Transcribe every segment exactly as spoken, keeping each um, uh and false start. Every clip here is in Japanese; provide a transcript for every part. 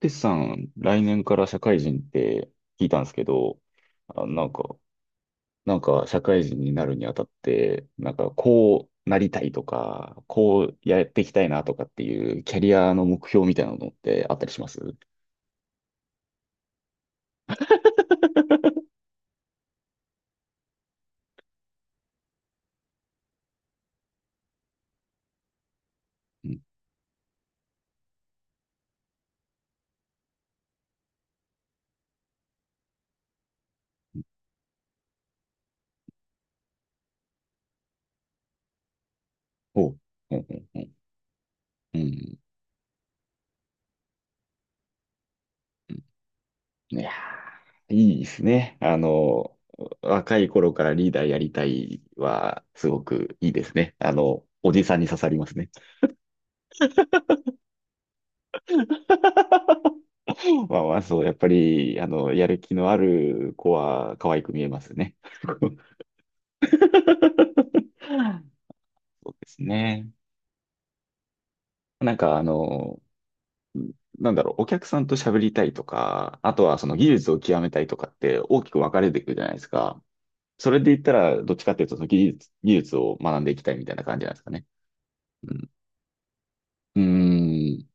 テスさん、来年から社会人って聞いたんですけど、あ、なんか、なんか社会人になるにあたって、なんかこうなりたいとか、こうやっていきたいなとかっていうキャリアの目標みたいなのってあったりします？うん。おう、うんうんうんうんうん。いやー、いいですね。あの、若い頃からリーダーやりたいは、すごくいいですね。あの、おじさんに刺さりますね。まあまあ、そう、やっぱり、あの、やる気のある子は可愛く見えますね。そうですね。なんか、あの、なんだろう、お客さんと喋りたいとか、あとはその技術を極めたいとかって大きく分かれていくじゃないですか。それで言ったら、どっちかっていうと、その技術、技術を学んでいきたいみたいな感じなんですかね。うん。うーん。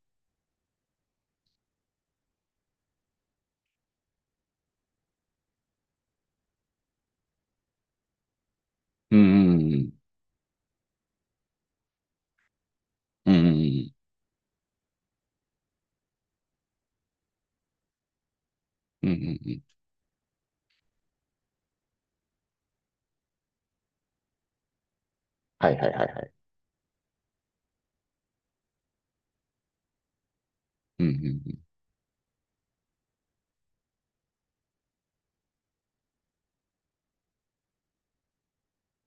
うーん。うーん。うーん。うーん。はいはいはいはい。うん。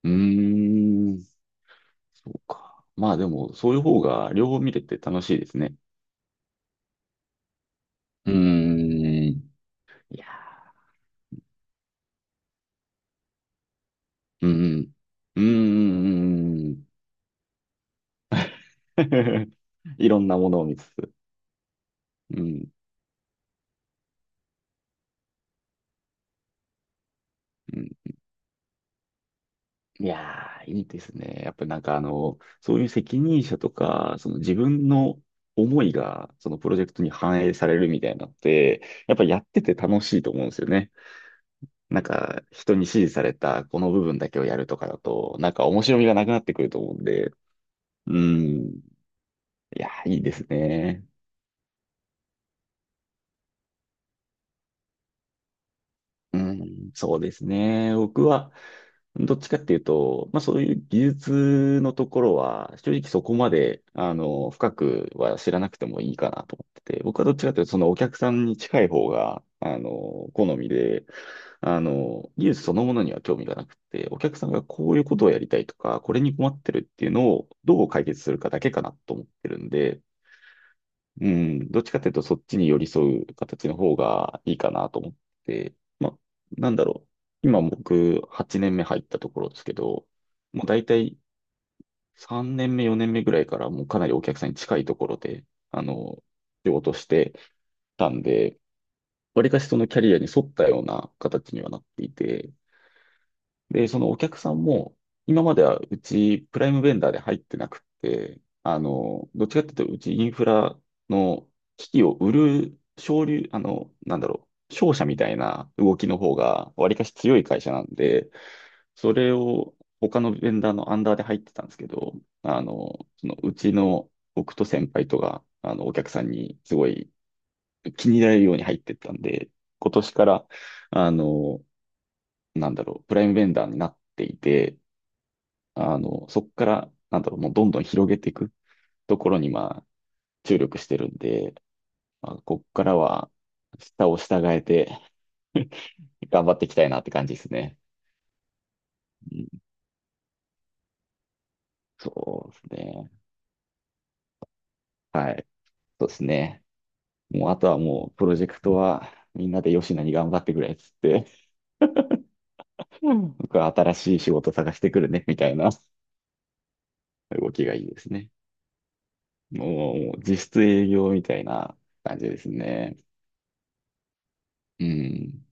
うん。うん。うーん。そうか。まあでも、そういう方が両方見れて楽しいですね。うーん。いやー、うんうん。うんうんうんうん。 いろんなものを見つつ。うん。うん。いやー、いいですね。やっぱなんかあの、そういう責任者とか、その自分の思いが、そのプロジェクトに反映されるみたいなのって、やっぱやってて楽しいと思うんですよね。なんか、人に指示されたこの部分だけをやるとかだと、なんか面白みがなくなってくると思うんで、うん。いや、いいですね。うん、そうですね。僕は、どっちかっていうと、まあそういう技術のところは、正直そこまで、あの、深くは知らなくてもいいかなと思ってて、僕はどっちかっていうと、そのお客さんに近い方が、あの、好みで、あの、技術そのものには興味がなくて、お客さんがこういうことをやりたいとか、これに困ってるっていうのをどう解決するかだけかなと思ってるんで、うん、どっちかというとそっちに寄り添う形の方がいいかなと思って、まあ、なんだろう。今僕はちねんめ入ったところですけど、もう大体さんねんめ、よねんめぐらいからもうかなりお客さんに近いところで、あの、仕事してたんで、わりかしそのキャリアに沿ったような形にはなっていて、で、そのお客さんも、今まではうちプライムベンダーで入ってなくて、あの、どっちかっていうと、うちインフラの機器を売る、商流、あの、なんだろう、商社みたいな動きの方が、わりかし強い会社なんで、それを他のベンダーのアンダーで入ってたんですけど、あの、そのうちの僕と先輩とが、あの、お客さんにすごい気に入られるように入ってったんで、今年から、あの、なんだろう、プライムベンダーになっていて、あの、そこから、なんだろう、もうどんどん広げていくところに、まあ、注力してるんで、まあ、ここからは、下を従えて 頑張っていきたいなって感じですね。うん、そうですね。はい。そうですね。もう、あとはもう、プロジェクトは、みんなで吉野に頑張ってくれっつって、うん僕は新しい仕事探してくるね、みたいな。 動きがいいですね。もう、もう実質営業みたいな感じですね。うん。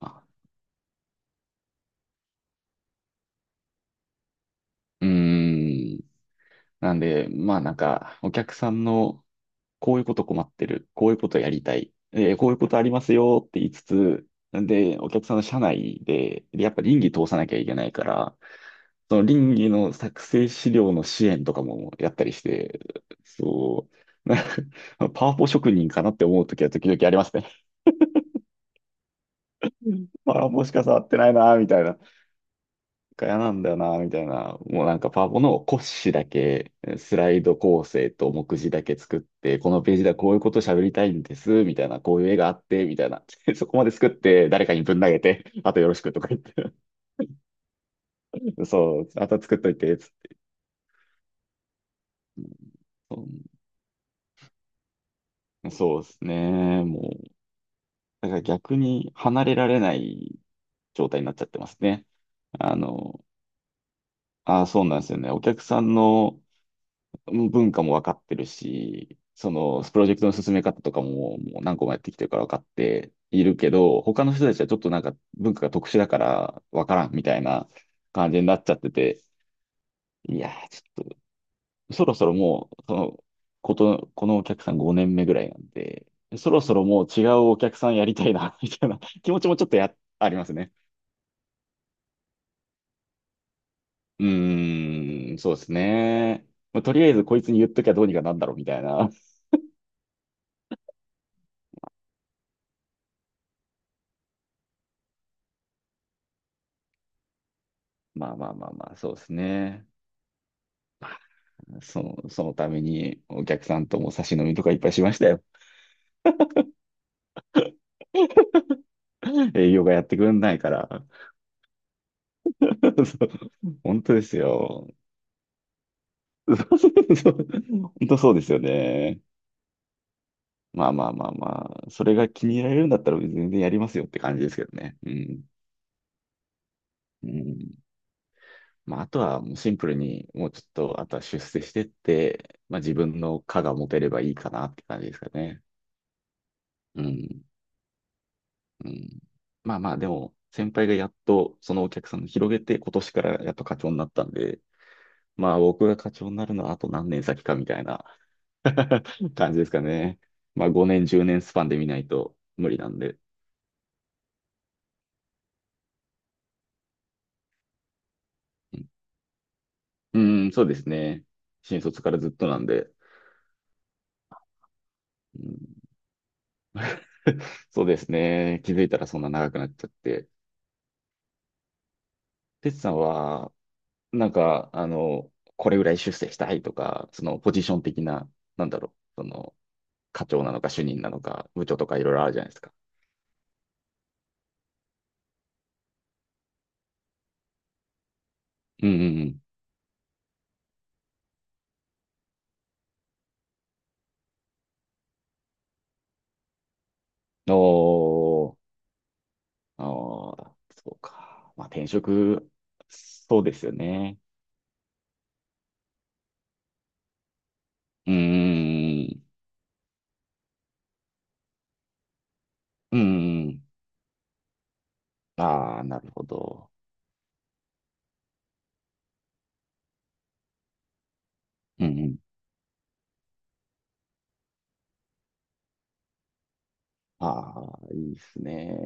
あ、うーん。なんで、まあなんか、お客さんの、こういうこと困ってる、こういうことやりたい、えーこういうことありますよって言いつつ、で、お客さんの社内で、でやっぱ倫理通さなきゃいけないから、その倫理の作成資料の支援とかもやったりして、そう、な パワポ職人かなって思う時は時々ありますね。うん パワポしか触ってないな、みたいな。か嫌なんだよな、みたいな。もうなんかパワポの骨子だけ、スライド構成と目次だけ作って、このページではこういうこと喋りたいんです、みたいな、こういう絵があって、みたいな。そこまで作って、誰かにぶん投げて、あとよろしくとか言って。そう、あと作っといて、つって。そうそうですね。もう、だから逆に離れられない状態になっちゃってますね。あの、あ、そうなんですよね。お客さんの文化も分かってるし、その、プロジェクトの進め方とかも、もう何個もやってきてるから分かっているけど、他の人たちはちょっとなんか文化が特殊だから分からんみたいな感じになっちゃってて、いやー、ちょっと、そろそろもう、その、こと、このお客さんごねんめぐらいなんで、そろそろもう違うお客さんやりたいな、みたいな 気持ちもちょっとや、ありますね。うーん、そうですね。まあとりあえずこいつに言っときゃどうにかなんだろうみたいな。まあまあまあまあ、そうですね。その、そのためにお客さんとも差し飲みとかいっぱいしましたよ。営業がやってくれないから。そう本当ですよ。そうそうそう本当そうですよね。まあまあまあまあ、それが気に入られるんだったら全然やりますよって感じですけどね。うん。うん。まあ、あとはもうシンプルに、もうちょっと、あとは出世してって、まあ自分の課が持てればいいかなって感じですかね。うん。うん。まあまあ、でも、先輩がやっとそのお客さんを広げて、今年からやっと課長になったんで、まあ僕が課長になるのはあと何年先かみたいな 感じですかね。まあごねん、じゅうねんスパンで見ないと無理なんで。うん、うんそうですね。新卒からずっとなんで。うん そうですね。気づいたらそんな長くなっちゃって。テツさんは、なんか、あの、これぐらい出世したいとか、そのポジション的な、なんだろう、その、課長なのか主任なのか部長とかいろいろあるじゃないですか。うんうんうん。おー、あーそうか。まあ転職、そうですよね。うーん、うーん。ああ、なるほど。うん。うんうん。ああ、いいですね。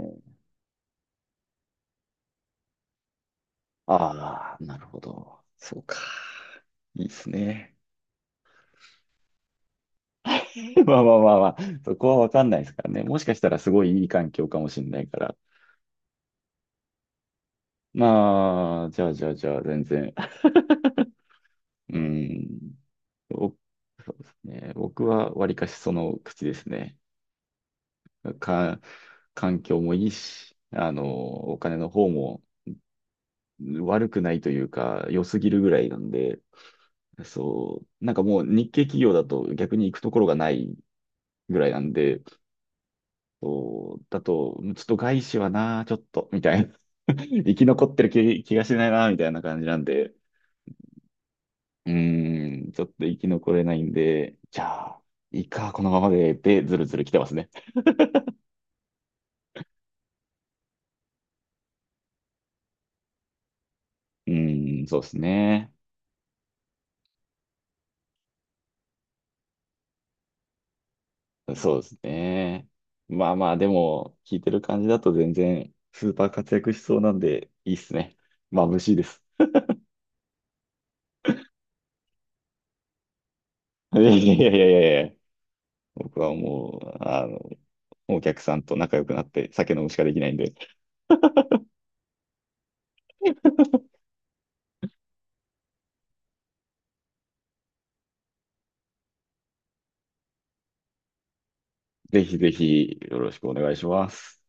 ああ、なるほど。そうか。いいですね。まあまあまあまあ、そこはわかんないですからね。もしかしたらすごいいい環境かもしれないから。まあ、じゃあじゃあじゃあ、全然。うーん。僕そうですね。僕はわりかしその口ですね。か、環境もいいし、あの、お金の方も悪くないというか、良すぎるぐらいなんで、そう、なんかもう日系企業だと逆に行くところがないぐらいなんで、そう、だと、ちょっと外資はな、ちょっと、みたいな。生き残ってる気、気がしないな、みたいな感じなんで、うーん、ちょっと生き残れないんで、じゃあ、いいか、このままで、で、ずるずる来てますね。うん、そうですね。そうですね。まあまあ、でも、聞いてる感じだと全然、スーパー活躍しそうなんで、いいっすね。眩しいです。いやいやいやいやいや、僕はもう、あの、お客さんと仲良くなって、酒飲むしかできないんで、ぜひぜひ、よろしくお願いします。